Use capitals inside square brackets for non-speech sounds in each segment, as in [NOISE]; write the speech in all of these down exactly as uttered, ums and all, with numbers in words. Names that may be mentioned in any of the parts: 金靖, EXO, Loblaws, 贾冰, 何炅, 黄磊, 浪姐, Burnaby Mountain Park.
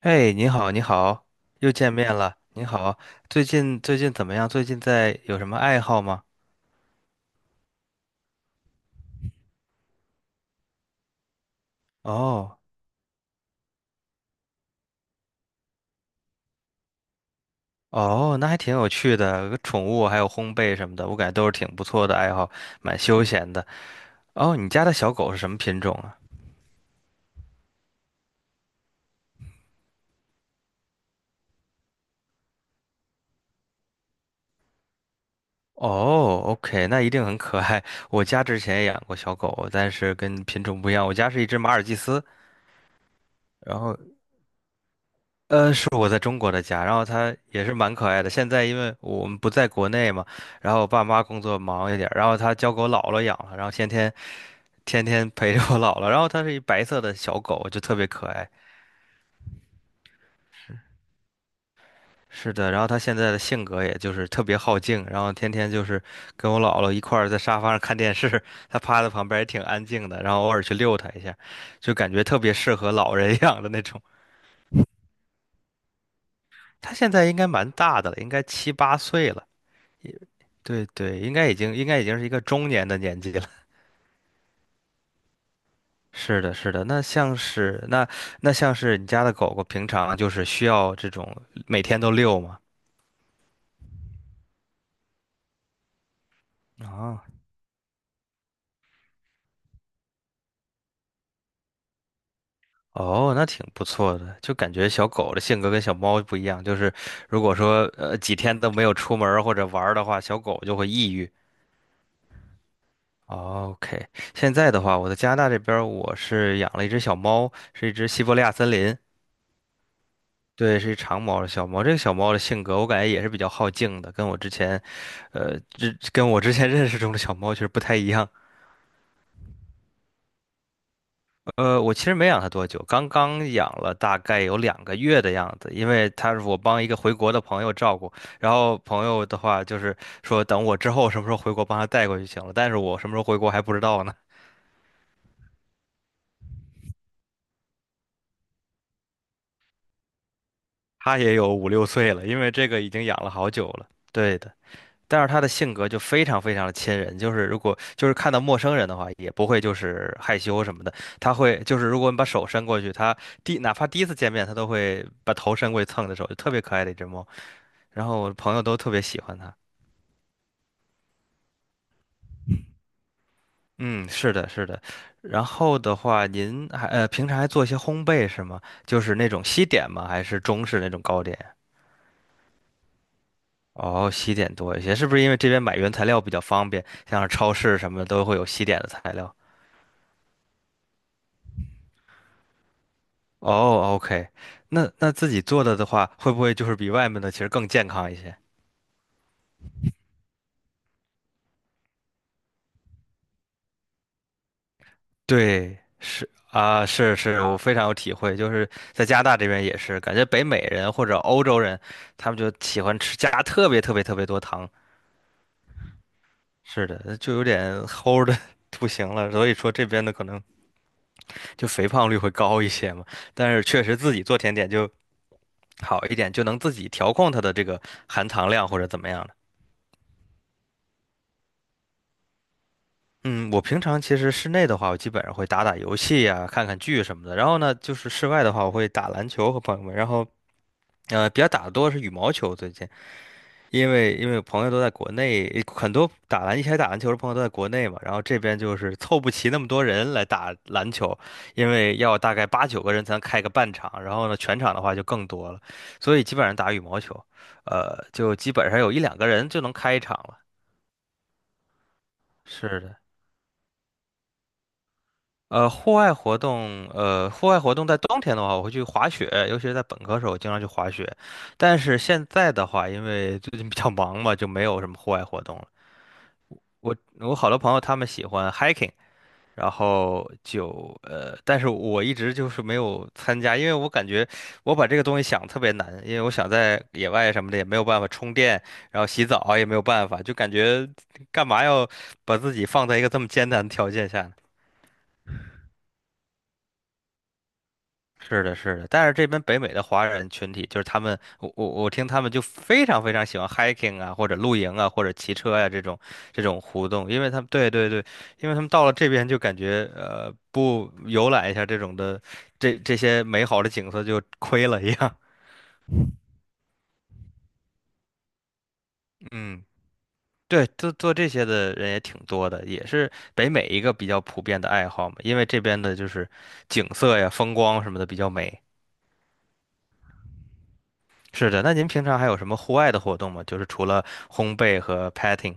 哎，你好，你好，又见面了。你好，最近最近怎么样？最近在有什么爱好吗？哦哦，那还挺有趣的，宠物还有烘焙什么的，我感觉都是挺不错的爱好，蛮休闲的。哦，你家的小狗是什么品种啊？哦，OK，那一定很可爱。我家之前也养过小狗，但是跟品种不一样，我家是一只马尔济斯。然后。呃，是我在中国的家，然后它也是蛮可爱的。现在因为我们不在国内嘛，然后我爸妈工作忙一点儿，然后它交给我姥姥养了，然后天天天天陪着我姥姥。然后它是一白色的小狗，就特别可爱。是的，然后它现在的性格也就是特别好静，然后天天就是跟我姥姥一块儿在沙发上看电视，它趴在旁边也挺安静的，然后偶尔去遛它一下，就感觉特别适合老人养的那种。它现在应该蛮大的了，应该七八岁了。对对，应该已经应该已经是一个中年的年纪了。[LAUGHS] 是的，是的。那像是那那像是你家的狗狗，平常就是需要这种每天都遛吗？啊，哦，那挺不错的。就感觉小狗的性格跟小猫不一样，就是如果说呃几天都没有出门儿或者玩儿的话，小狗就会抑郁。哦， OK，现在的话，我在加拿大这边儿我是养了一只小猫，是一只西伯利亚森林。对，是一长毛的小猫。这个小猫的性格，我感觉也是比较好静的，跟我之前，呃，这跟我之前 [LAUGHS] 认识中的小猫其实不太一样。呃，我其实没养它多久，刚刚养了大概有两个月的样子，因为它是我帮一个回国的朋友照顾，然后朋友的话就是说等我之后什么时候回国帮他带过去行了，但是我什么时候回国还不知道呢。它也有五六岁了，因为这个已经养了好久了。对的。但是他的性格就非常非常的亲人，就是如果就是看到陌生人的话，也不会就是害羞什么的，他会就是如果你把手伸过去，他第哪怕第一次见面，他都会把头伸过去蹭你的手，就特别可爱的一只猫。然后我的朋友都特别喜欢它。嗯，是的，是的。然后的话，您还呃平常还做一些烘焙是吗？就是那种西点吗？还是中式那种糕点？哦，西点多一些，是不是因为这边买原材料比较方便，像是超市什么的都会有西点的材料？哦，OK，那那自己做的的话，会不会就是比外面的其实更健康一些？对，是啊，是是，我非常有体会，就是在加拿大这边也是，感觉北美人或者欧洲人，他们就喜欢吃加特别特别特别多糖，是的，就有点齁的 [LAUGHS] 不行了，所以说这边的可能就肥胖率会高一些嘛，但是确实自己做甜点就好一点，就能自己调控它的这个含糖量或者怎么样。嗯，我平常其实室内的话，我基本上会打打游戏呀、看看剧什么的。然后呢，就是室外的话，我会打篮球和朋友们。然后，呃，比较打的多是羽毛球，最近，因为因为朋友都在国内，很多打篮一起来打篮球的朋友都在国内嘛。然后这边就是凑不齐那么多人来打篮球，因为要大概八九个人才能开个半场，然后呢，全场的话就更多了，所以基本上打羽毛球，呃，就基本上有一两个人就能开一场了。是的。呃，户外活动，呃，户外活动在冬天的话，我会去滑雪，尤其是在本科时候，我经常去滑雪。但是现在的话，因为最近比较忙嘛，就没有什么户外活动了。我我好多朋友他们喜欢 hiking，然后就呃，但是我一直就是没有参加，因为我感觉我把这个东西想特别难，因为我想在野外什么的也没有办法充电，然后洗澡也没有办法，就感觉干嘛要把自己放在一个这么艰难的条件下呢？是的，是的，但是这边北美的华人群体，就是他们，我我我听他们就非常非常喜欢 hiking 啊，或者露营啊，或者骑车呀、这种这种活动，因为他们对对对，因为他们到了这边就感觉呃不游览一下这种的这这些美好的景色就亏了一样。[LAUGHS] 嗯，对，做做这些的人也挺多的，也是北美一个比较普遍的爱好嘛，因为这边的就是景色呀、风光什么的比较美。是的，那您平常还有什么户外的活动吗？就是除了烘焙和 petting。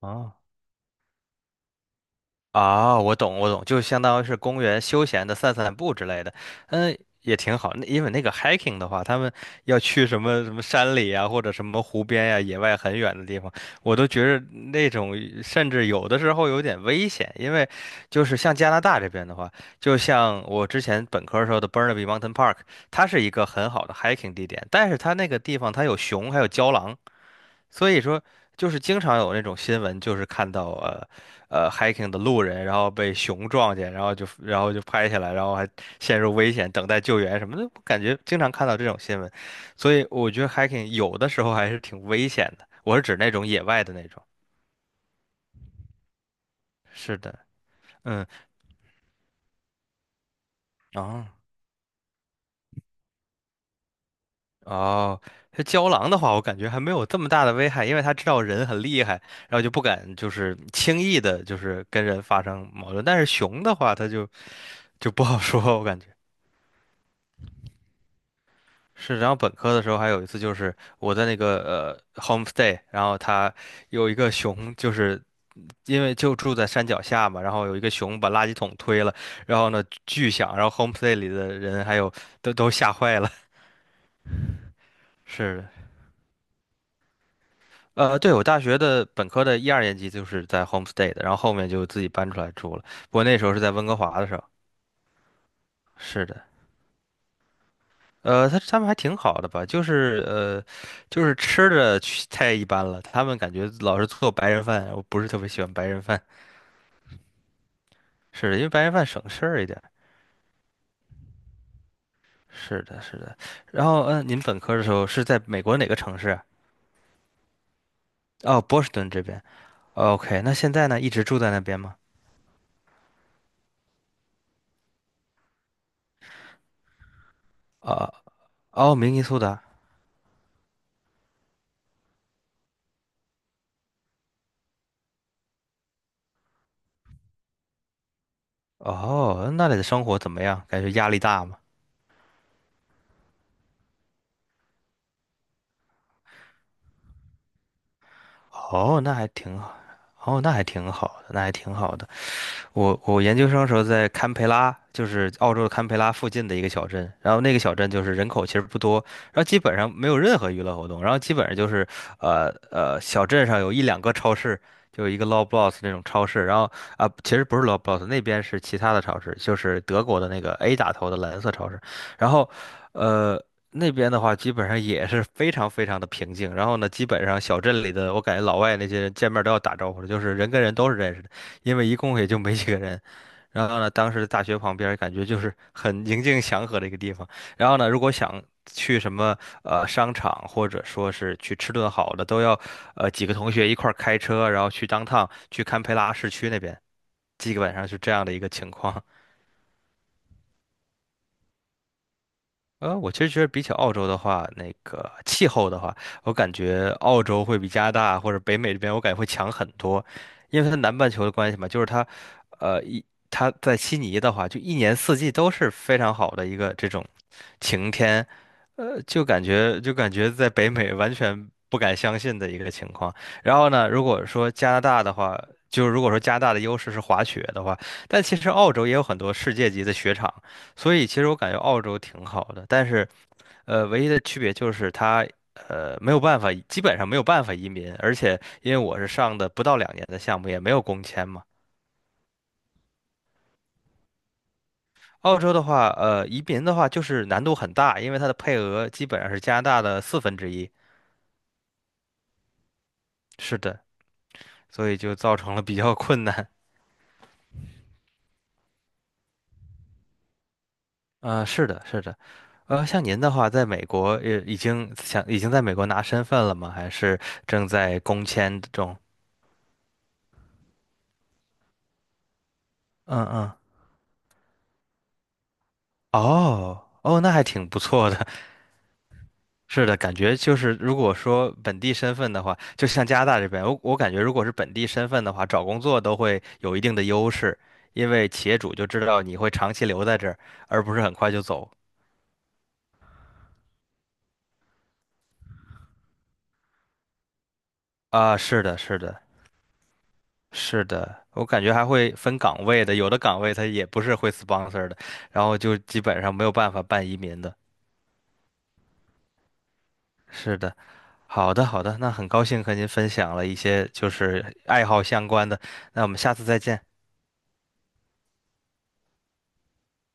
哦，啊，我懂我懂，就相当于是公园休闲的散散步之类的，嗯，也挺好。那因为那个 hiking 的话，他们要去什么什么山里啊，或者什么湖边呀、野外很远的地方，我都觉着那种甚至有的时候有点危险，因为就是像加拿大这边的话，就像我之前本科时候的 Burnaby Mountain Park，它是一个很好的 hiking 地点，但是它那个地方它有熊还有郊狼。所以说，就是经常有那种新闻，就是看到呃呃 hiking 的路人，然后被熊撞见，然后就然后就拍下来，然后还陷入危险，等待救援什么的。我感觉经常看到这种新闻，所以我觉得 hiking 有的时候还是挺危险的。我是指那种野外的那种。是的，嗯，哦哦，这郊狼的话，我感觉还没有这么大的危害，因为他知道人很厉害，然后就不敢就是轻易的，就是跟人发生矛盾。但是熊的话，它就就不好说，我感觉。是，然后本科的时候还有一次，就是我在那个呃 homestay，然后他有一个熊，就是因为就住在山脚下嘛，然后有一个熊把垃圾桶推了，然后呢巨响，然后 homestay 里的人还有都都吓坏了。[LAUGHS] 是的，呃，对，我大学的本科的一二年级就是在 homestay 的，然后后面就自己搬出来住了，不过那时候是在温哥华的时候。是的。呃，他他们还挺好的吧，就是呃，就是吃的去太一般了，他们感觉老是做白人饭，我不是特别喜欢白人饭，是的，因为白人饭省事儿一点。是的，是的。然后，嗯、呃您本科的时候是在美国哪个城市啊？哦，波士顿这边。OK，那现在呢，一直住在那边吗？啊、哦，明尼苏达。哦，那里的生活怎么样？感觉压力大吗？哦，那还挺好。哦，那还挺好的，那还挺好的。我我研究生时候在堪培拉，就是澳洲的堪培拉附近的一个小镇，然后那个小镇就是人口其实不多，然后基本上没有任何娱乐活动，然后基本上就是呃呃小镇上有一两个超市，就有一个 Loblaws 那种超市，然后啊、其实不是 Loblaws 那边是其他的超市，就是德国的那个 A 打头的蓝色超市，然后呃。那边的话，基本上也是非常非常的平静。然后呢，基本上小镇里的，我感觉老外那些人见面都要打招呼的，就是人跟人都是认识的。因为一共也就没几个人。然后呢，当时大学旁边儿感觉就是很宁静祥和的一个地方。然后呢，如果想去什么呃商场，或者说是去吃顿好的，都要呃几个同学一块儿开车，然后去当趟去堪培拉市区那边，基本上是这样的一个情况。呃，我其实觉得比起澳洲的话，那个气候的话，我感觉澳洲会比加拿大或者北美这边，我感觉会强很多，因为它南半球的关系嘛，就是它，呃，一它在悉尼的话，就一年四季都是非常好的一个这种晴天，呃，就感觉就感觉在北美完全不敢相信的一个情况。然后呢，如果说加拿大的话，就是如果说加拿大的优势是滑雪的话，但其实澳洲也有很多世界级的雪场。所以其实我感觉澳洲挺好的，但是呃，唯一的区别就是它呃没有办法，基本上没有办法移民，而且因为我是上的不到两年的项目，也没有工签嘛。澳洲的话，呃，移民的话就是难度很大，因为它的配额基本上是加拿大的四分之一。是的，所以就造成了比较困难。呃，是的，是的。呃，像您的话，在美国呃已经想已经在美国拿身份了吗？还是正在工签中？嗯嗯。哦哦，那还挺不错的。[LAUGHS] 是的，感觉就是如果说本地身份的话，就像加拿大这边，我我感觉如果是本地身份的话，找工作都会有一定的优势，因为企业主就知道你会长期留在这儿，而不是很快就走。啊，是的，是的。是的，我感觉还会分岗位的，有的岗位它也不是会 sponsor 的，然后就基本上没有办法办移民的。是的，好的，好的，那很高兴和您分享了一些就是爱好相关的，那我们下次再见。